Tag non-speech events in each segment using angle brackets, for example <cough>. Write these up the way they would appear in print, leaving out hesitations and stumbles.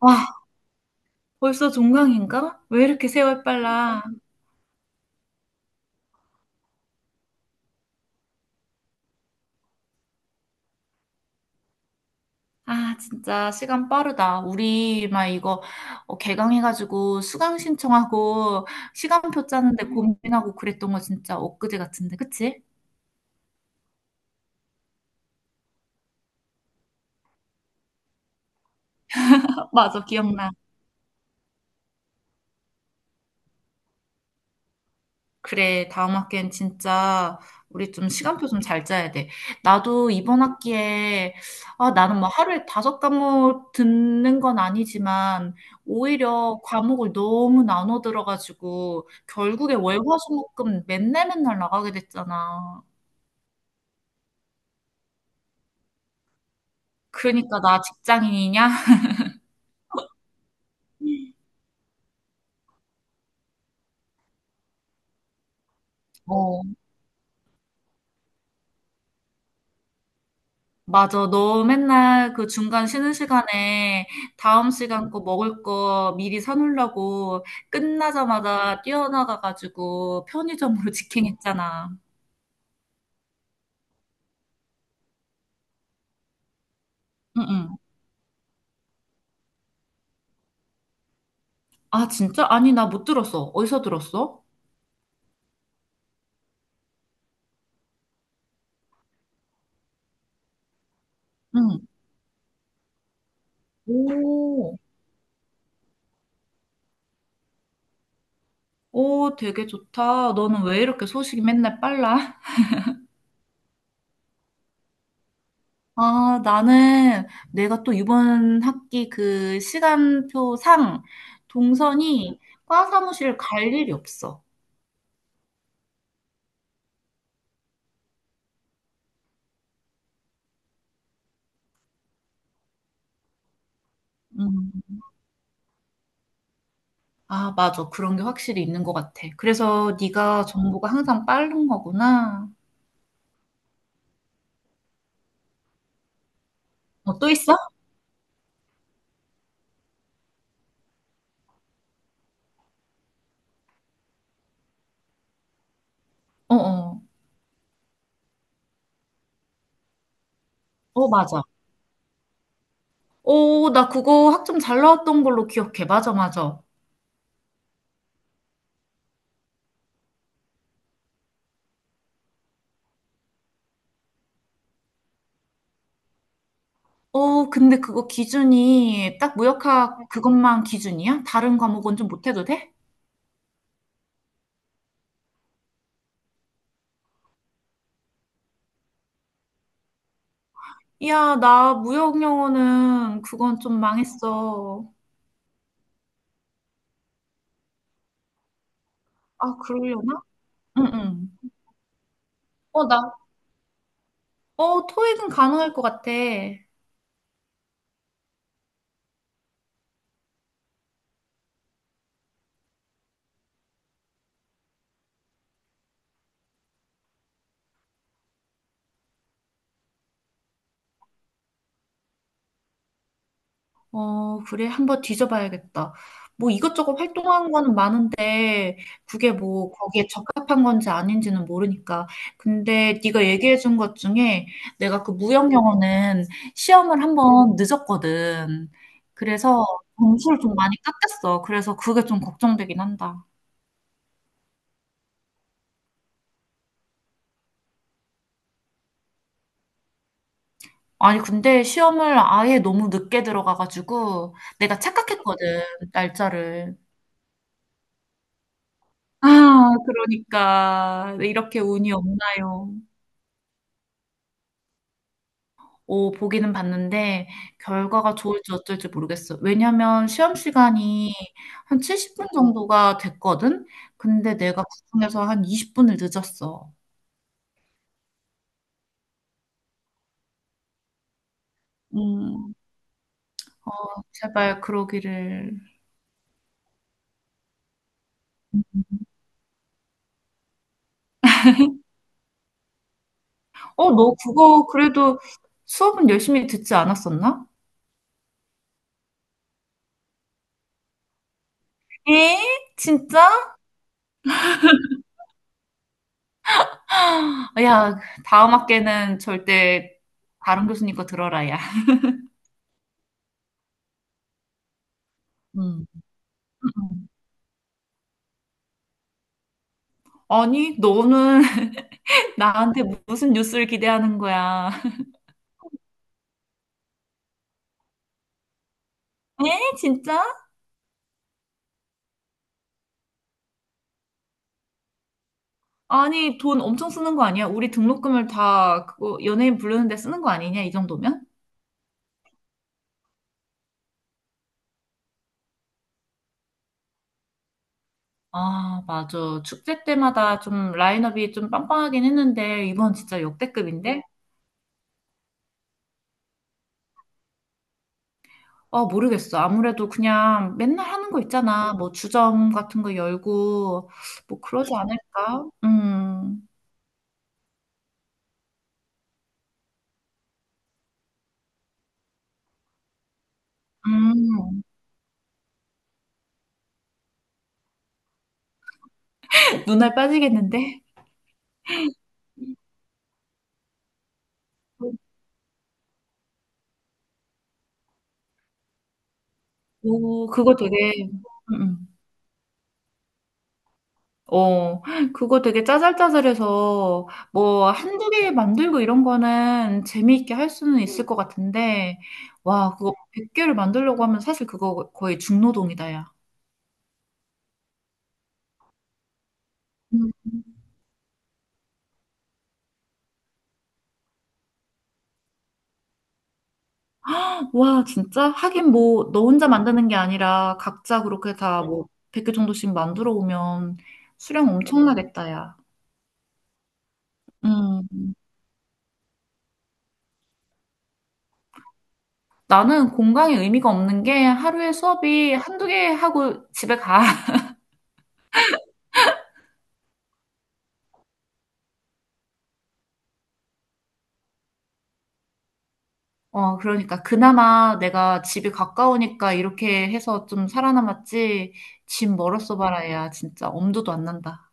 와, 벌써 종강인가? 왜 이렇게 세월 빨라? 아, 진짜 시간 빠르다. 우리 막 이거 개강해가지고 수강 신청하고 시간표 짜는데 고민하고 그랬던 거 진짜 엊그제 같은데, 그치? <laughs> 맞아, 기억나. 그래, 다음 학기엔 진짜 우리 좀 시간표 좀 잘 짜야 돼. 나도 이번 학기에, 나는 뭐 하루에 다섯 과목 듣는 건 아니지만, 오히려 과목을 너무 나눠 들어가지고, 결국에 월, 화, 수, 목, 금 맨날 맨날 나가게 됐잖아. 그러니까 나 직장인이냐? <laughs> 어, 맞아. 너 맨날 그 중간 쉬는 시간에 다음 시간 거 먹을 거 미리 사놓으려고 끝나자마자 뛰어나가가지고 편의점으로 <laughs> 직행했잖아. 응응. 아, 진짜? 아니, 나 못 들었어. 어디서 들었어? 응. 오. 오, 되게 좋다. 너는 왜 이렇게 소식이 맨날 빨라? 아, 나는 내가 또 이번 학기 그 시간표상 동선이 과 사무실 갈 일이 없어. 아, 맞아. 그런 게 확실히 있는 것 같아. 그래서 네가 정보가 항상 빠른 거구나. 어, 또 있어? 어, 어. 어, 맞아. 어, 나 그거 학점 잘 나왔던 걸로 기억해. 맞아, 맞아. 어, 근데 그거 기준이 딱 무역학 그것만 기준이야? 다른 과목은 좀 못해도 돼? 야, 나 무역 영어는 그건 좀 망했어. 아, 그러려나? 응, 응. 어, 나, 토익은 가능할 것 같아. 어, 그래. 한번 뒤져봐야겠다. 뭐 이것저것 활동한 거는 많은데 그게 뭐 거기에 적합한 건지 아닌지는 모르니까. 근데 네가 얘기해 준 것 중에 내가 그 무역 영어는 시험을 한번 늦었거든. 그래서 점수를 좀 많이 깎였어. 그래서 그게 좀 걱정되긴 한다. 아니, 근데 시험을 아예 너무 늦게 들어가가지고 내가 착각했거든, 날짜를. 아, 그러니까 이렇게 운이 없나요? 오, 보기는 봤는데 결과가 좋을지 어쩔지 모르겠어. 왜냐면 시험 시간이 한 70분 정도가 됐거든? 근데 내가 그중에서 한 20분을 늦었어. 음. 어, 제발 그러기를. 어, 너 그거 그래도 수업은 열심히 듣지 않았었나? 에? 진짜? 야, 다음 학기에는 절대 다른 교수님 거 들어라, 야. 음. 음. 아니, 너는 <laughs> 나한테 무슨 뉴스를 기대하는 거야? <laughs> 에? 진짜? 아니, 돈 엄청 쓰는 거 아니야? 우리 등록금을 다 그거 연예인 부르는데 쓰는 거 아니냐? 이 정도면? 아, 맞아. 축제 때마다 좀 라인업이 좀 빵빵하긴 했는데, 이번 진짜 역대급인데? 어, 모르겠어. 아무래도 그냥 맨날 하는 거 있잖아. 뭐 주점 같은 거 열고, 뭐 그러지 않을까? 음, 눈알 빠지겠는데? 오, 그거 되게, 음. 어, 그거 되게 짜잘짜잘해서 뭐 한두 개 만들고 이런 거는 재미있게 할 수는 있을 것 같은데, 와, 그거 100개를 만들려고 하면 사실 그거 거의 중노동이다, 야. 음. 와, 진짜? 하긴 뭐, 너 혼자 만드는 게 아니라 각자 그렇게 다 뭐, 100개 정도씩 만들어 오면 수량 엄청나겠다, 야. 음. 나는 공강의 의미가 없는 게 하루에 수업이 한두 개 하고 집에 가. 어, 그러니까 그나마 내가 집이 가까우니까 이렇게 해서 좀 살아남았지. 집 멀었어 봐라야 진짜 엄두도 안 난다.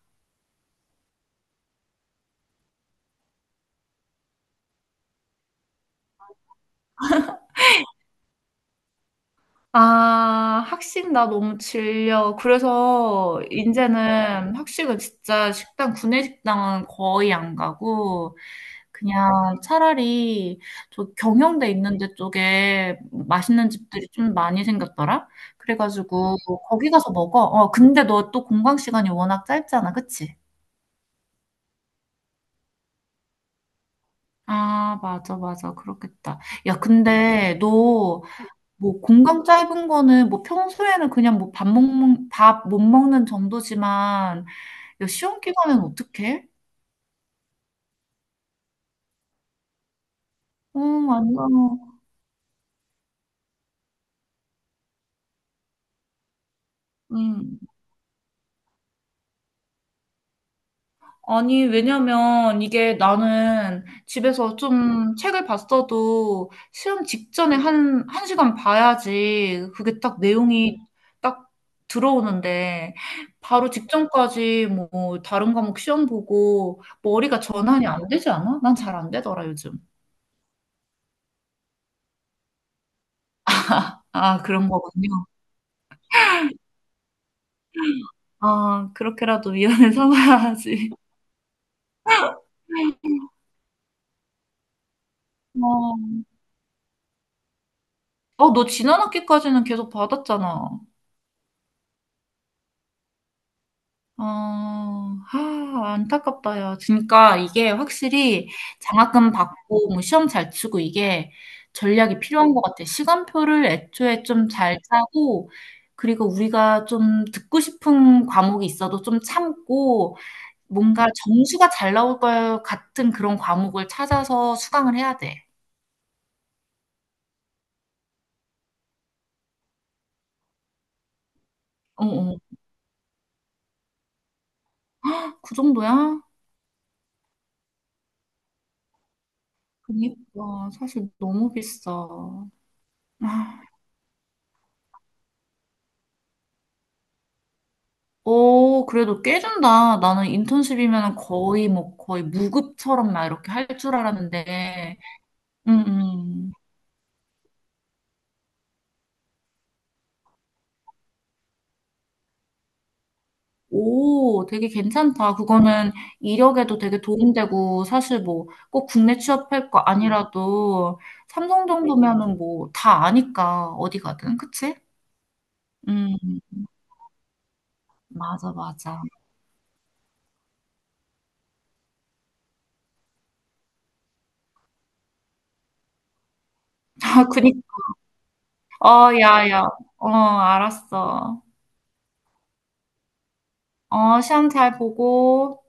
아, 학식 나 너무 질려. 그래서 이제는 학식은 진짜 식당 구내식당은 거의 안 가고 그냥 차라리 저 경영대 있는 데 쪽에 맛있는 집들이 좀 많이 생겼더라. 그래가지고 거기 가서 먹어. 어, 근데 너 또 공강 시간이 워낙 짧잖아. 그치? 아, 맞아, 맞아. 그렇겠다. 야, 근데 너 뭐 공강 짧은 거는 뭐 평소에는 그냥 뭐 밥 먹는, 밥 못 먹는 정도지만 야, 시험 기간엔 어떡해? 어, 완전, 응. 아니, 왜냐면 이게 나는 집에서 좀 책을 봤어도 시험 직전에 한 시간 봐야지 그게 딱 내용이 딱 들어오는데 바로 직전까지 뭐 다른 과목 시험 보고 머리가 전환이 안 되지 않아? 난 잘 안 되더라, 요즘. 아, 그런 거군요. 아, 그렇게라도 위안을 <laughs> 삼아야지. 어, 어, 너 지난 학기까지는 계속 받았잖아. 어, 하, 안타깝다, 야. 그러니까 이게 확실히 장학금 받고 뭐 시험 잘 치고 이게 전략이 필요한 것 같아. 시간표를 애초에 좀 잘 짜고, 그리고 우리가 좀 듣고 싶은 과목이 있어도 좀 참고, 뭔가 점수가 잘 나올 것 같은 그런 과목을 찾아서 수강을 해야 돼. 어, 어. 그 정도야? 그니까, 사실 너무 비싸. 아, 오, 그래도 꽤 준다. 나는 인턴십이면 거의 뭐 거의 무급처럼 막 이렇게 할 줄 알았는데. 음, 음. 오, 되게 괜찮다. 그거는 이력에도 되게 도움되고 사실 뭐 꼭 국내 취업할 거 아니라도 삼성 정도면은 뭐 다 아니까 어디 가든 그치? 음, 맞아, 맞아. <laughs> 아, 그니, 어, 야, 야. 어, 알았어. 어, 시험 잘 보고.